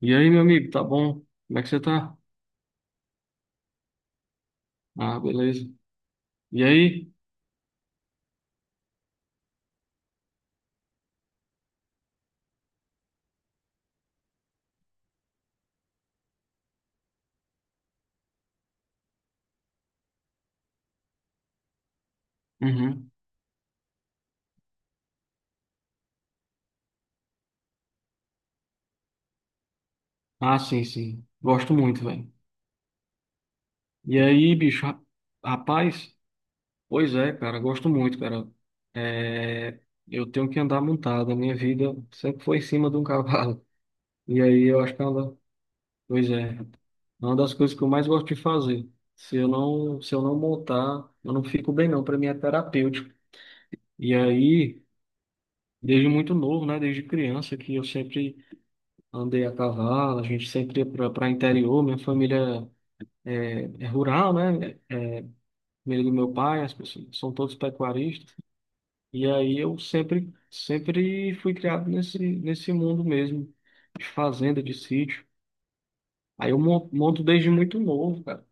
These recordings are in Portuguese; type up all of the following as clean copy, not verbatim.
E aí, meu amigo, tá bom? Como é que você tá? Ah, beleza. E aí? Uhum. Ah, sim, sim. Gosto muito, velho. E aí, bicho, rapaz? Pois é, cara, gosto muito, cara. É. Eu tenho que andar montado. A minha vida sempre foi em cima de um cavalo. E aí, eu acho que Pois é. É uma das coisas que eu mais gosto de fazer. Se eu não montar, eu não fico bem não, para mim é terapêutico. E aí, desde muito novo, né, desde criança que eu sempre andei a cavalo, a gente sempre ia para interior, minha família é rural, né? Família do meu pai, as pessoas são todos pecuaristas. E aí eu sempre fui criado nesse mundo mesmo, de fazenda, de sítio. Aí eu monto desde muito novo, cara.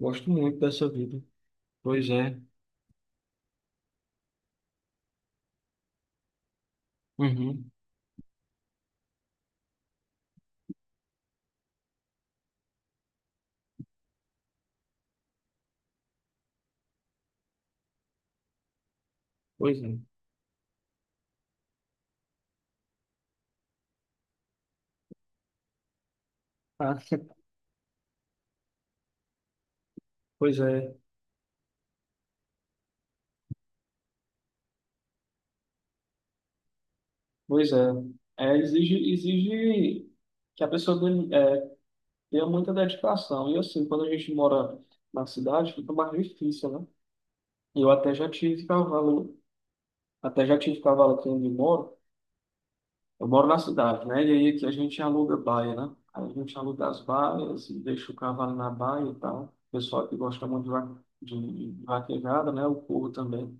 Gosto muito dessa vida. Pois é. Uhum. Pois é. Ah. Pois é. Pois é. É, exige que a pessoa deu muita dedicação. E assim, quando a gente mora na cidade, fica mais difícil, né? Eu até já tive cavalo, até já tive cavalo aqui onde eu moro. Eu moro na cidade, né? E aí aqui a gente aluga baia, né? Aí a gente aluga as baias e deixa o cavalo na baia e tal. O pessoal que gosta muito de vaquejada, né? O povo também.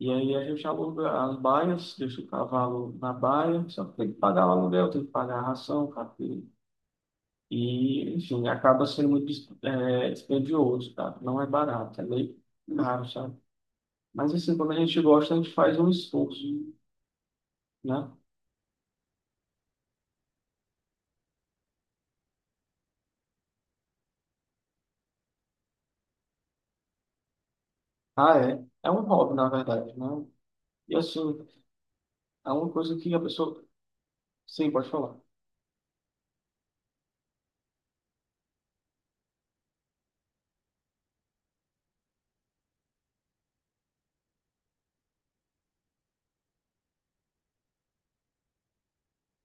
E aí a gente aluga as baias, deixa o cavalo na baia, só que tem que pagar o aluguel, tem que pagar a ração, café. E, enfim, acaba sendo muito dispendioso, tá? Não é barato, é meio caro, sabe? Mas, assim, quando a gente gosta, a gente faz um esforço, né? Ah, é. É um hobby, na verdade, né? E, assim, é uma coisa que a pessoa... Sim, pode falar.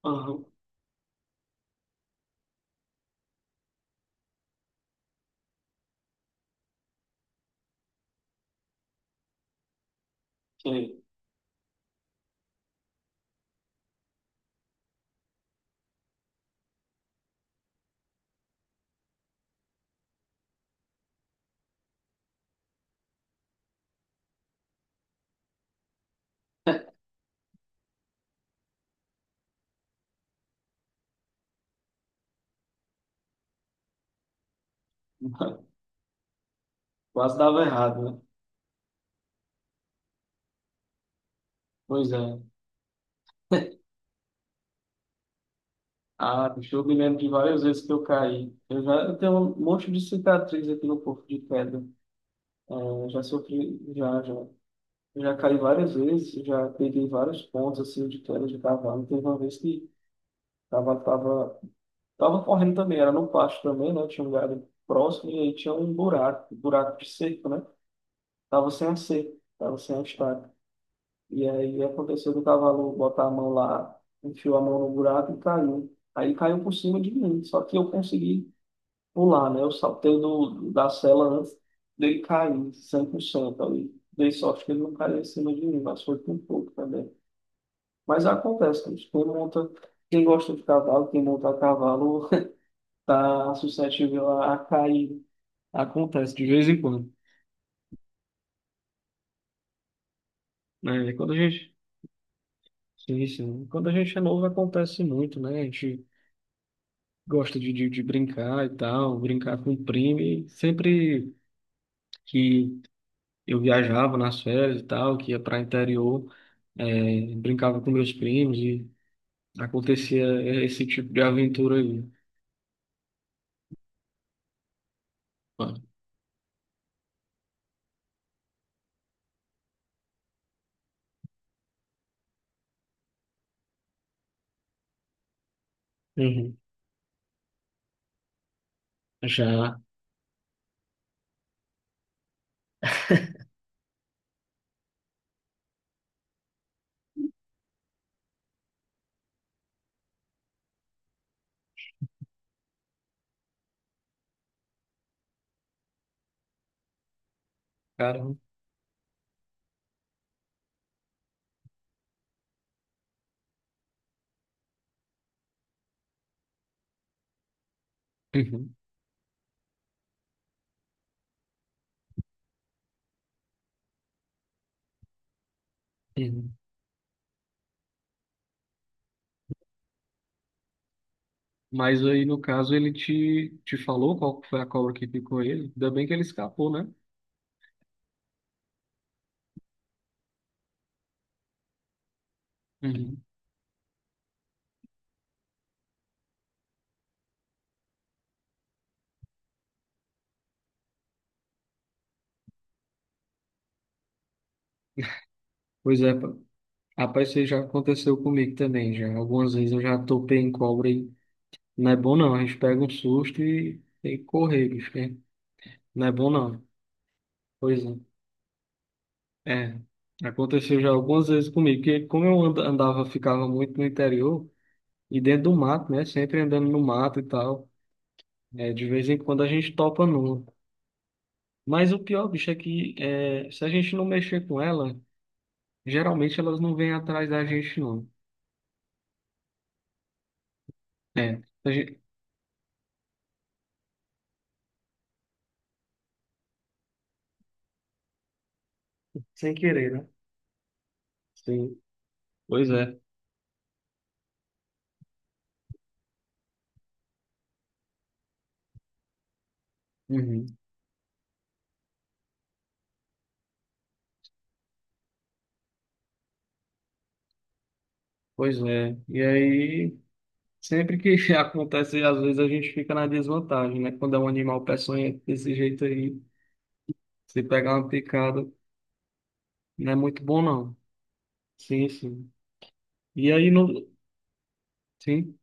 Aham, ok. Quase dava errado, né? Pois é. Ah, bicho, eu me lembro de várias vezes que eu caí. Eu tenho um monte de cicatriz aqui no corpo de pedra. É, eu já sofri, já, já. Eu já caí várias vezes, eu já peguei vários pontos assim de queda de cavalo. Teve uma vez que tava, tava, tava correndo também, era no pasto também, né? Tinha um galho próximo e aí tinha um buraco de cerco, né? Tava sem a cerca, tava sem a estaca. E aí aconteceu do cavalo botar a mão lá, enfiou a mão no buraco e caiu. Aí caiu por cima de mim, só que eu consegui pular, né? Eu saltei da sela antes dele cair, 100% ali. Dei sorte que ele não caiu em cima de mim, mas foi por pouco também. Mas acontece, bicho. Quem monta, quem gosta de cavalo, quem monta a cavalo, tá suscetível a cair. Acontece de vez em quando, né? Sim, sim. Quando a gente é novo, acontece muito, né? A gente gosta de brincar e tal, brincar com o primo. E sempre que eu viajava nas férias e tal, que ia para interior, brincava com meus primos e acontecia esse tipo de aventura aí. Mano. Uhum. Já, caramba. Uhum. Uhum. Mas aí, no caso, ele te falou qual foi a cobra que picou ele. Ainda bem que ele escapou, né? Uhum. Pois é, rapaz, isso aí já aconteceu comigo também, já. Algumas vezes eu já topei em cobra e não é bom não. A gente pega um susto e tem que correr, bicho, né? Não é bom não. Pois é. É, aconteceu já algumas vezes comigo, porque como eu andava, ficava muito no interior e dentro do mato, né? Sempre andando no mato e tal. É, de vez em quando a gente topa numa. Mas o pior, bicho, é que se a gente não mexer com ela, geralmente elas não vêm atrás da gente, não. É, Sem querer, né? Sim, pois é. Uhum. Pois é. E aí, sempre que acontece, às vezes a gente fica na desvantagem, né? Quando é um animal peçonhento desse jeito aí, se pegar uma picada, não é muito bom, não. Sim, sim. E aí, sim.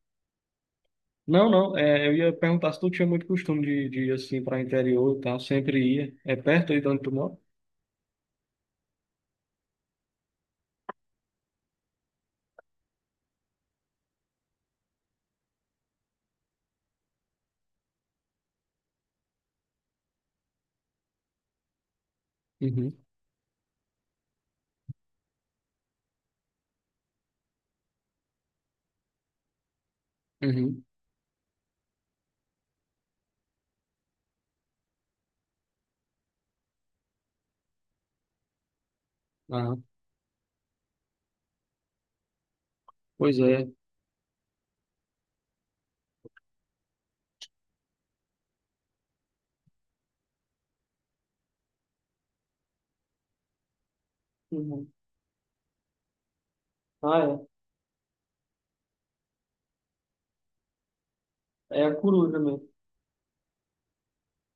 Não, não, eu ia perguntar se tu tinha muito costume de ir assim para interior e tal, sempre ia. É perto aí de onde tu mora? Uhum. Uhum. Ah, pois é. Uhum. Ah, é. É a coruja mesmo.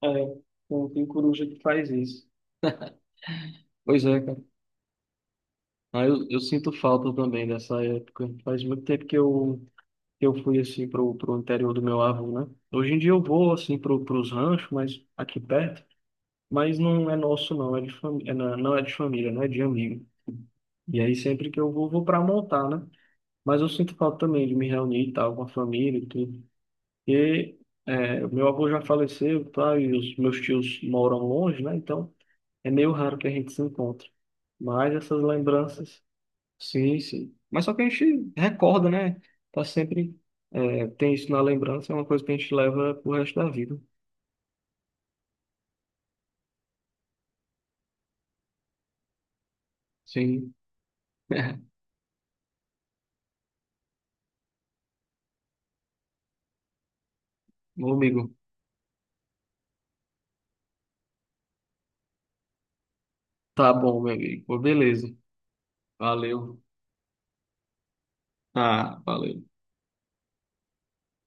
É. Então, tem coruja que faz isso. Pois é, cara. Ah, eu sinto falta também dessa época. Faz muito tempo que eu fui assim pro interior do meu avô, né? Hoje em dia eu vou assim pros ranchos, mas aqui perto. Mas não é nosso, não. É de fami... é, não, é, não é de família, não é de amigo. E aí sempre que eu vou pra montar, né? Mas eu sinto falta também de me reunir e tal com a família e tudo. E o meu avô já faleceu, tá? E os meus tios moram longe, né? Então é meio raro que a gente se encontre. Mas essas lembranças, sim, sim. Mas só que a gente recorda, né? Tá sempre, tem isso na lembrança, é uma coisa que a gente leva pro resto da vida. Sim. Meu amigo, tá bom, meu amigo. Pô, beleza. Valeu. Ah, valeu.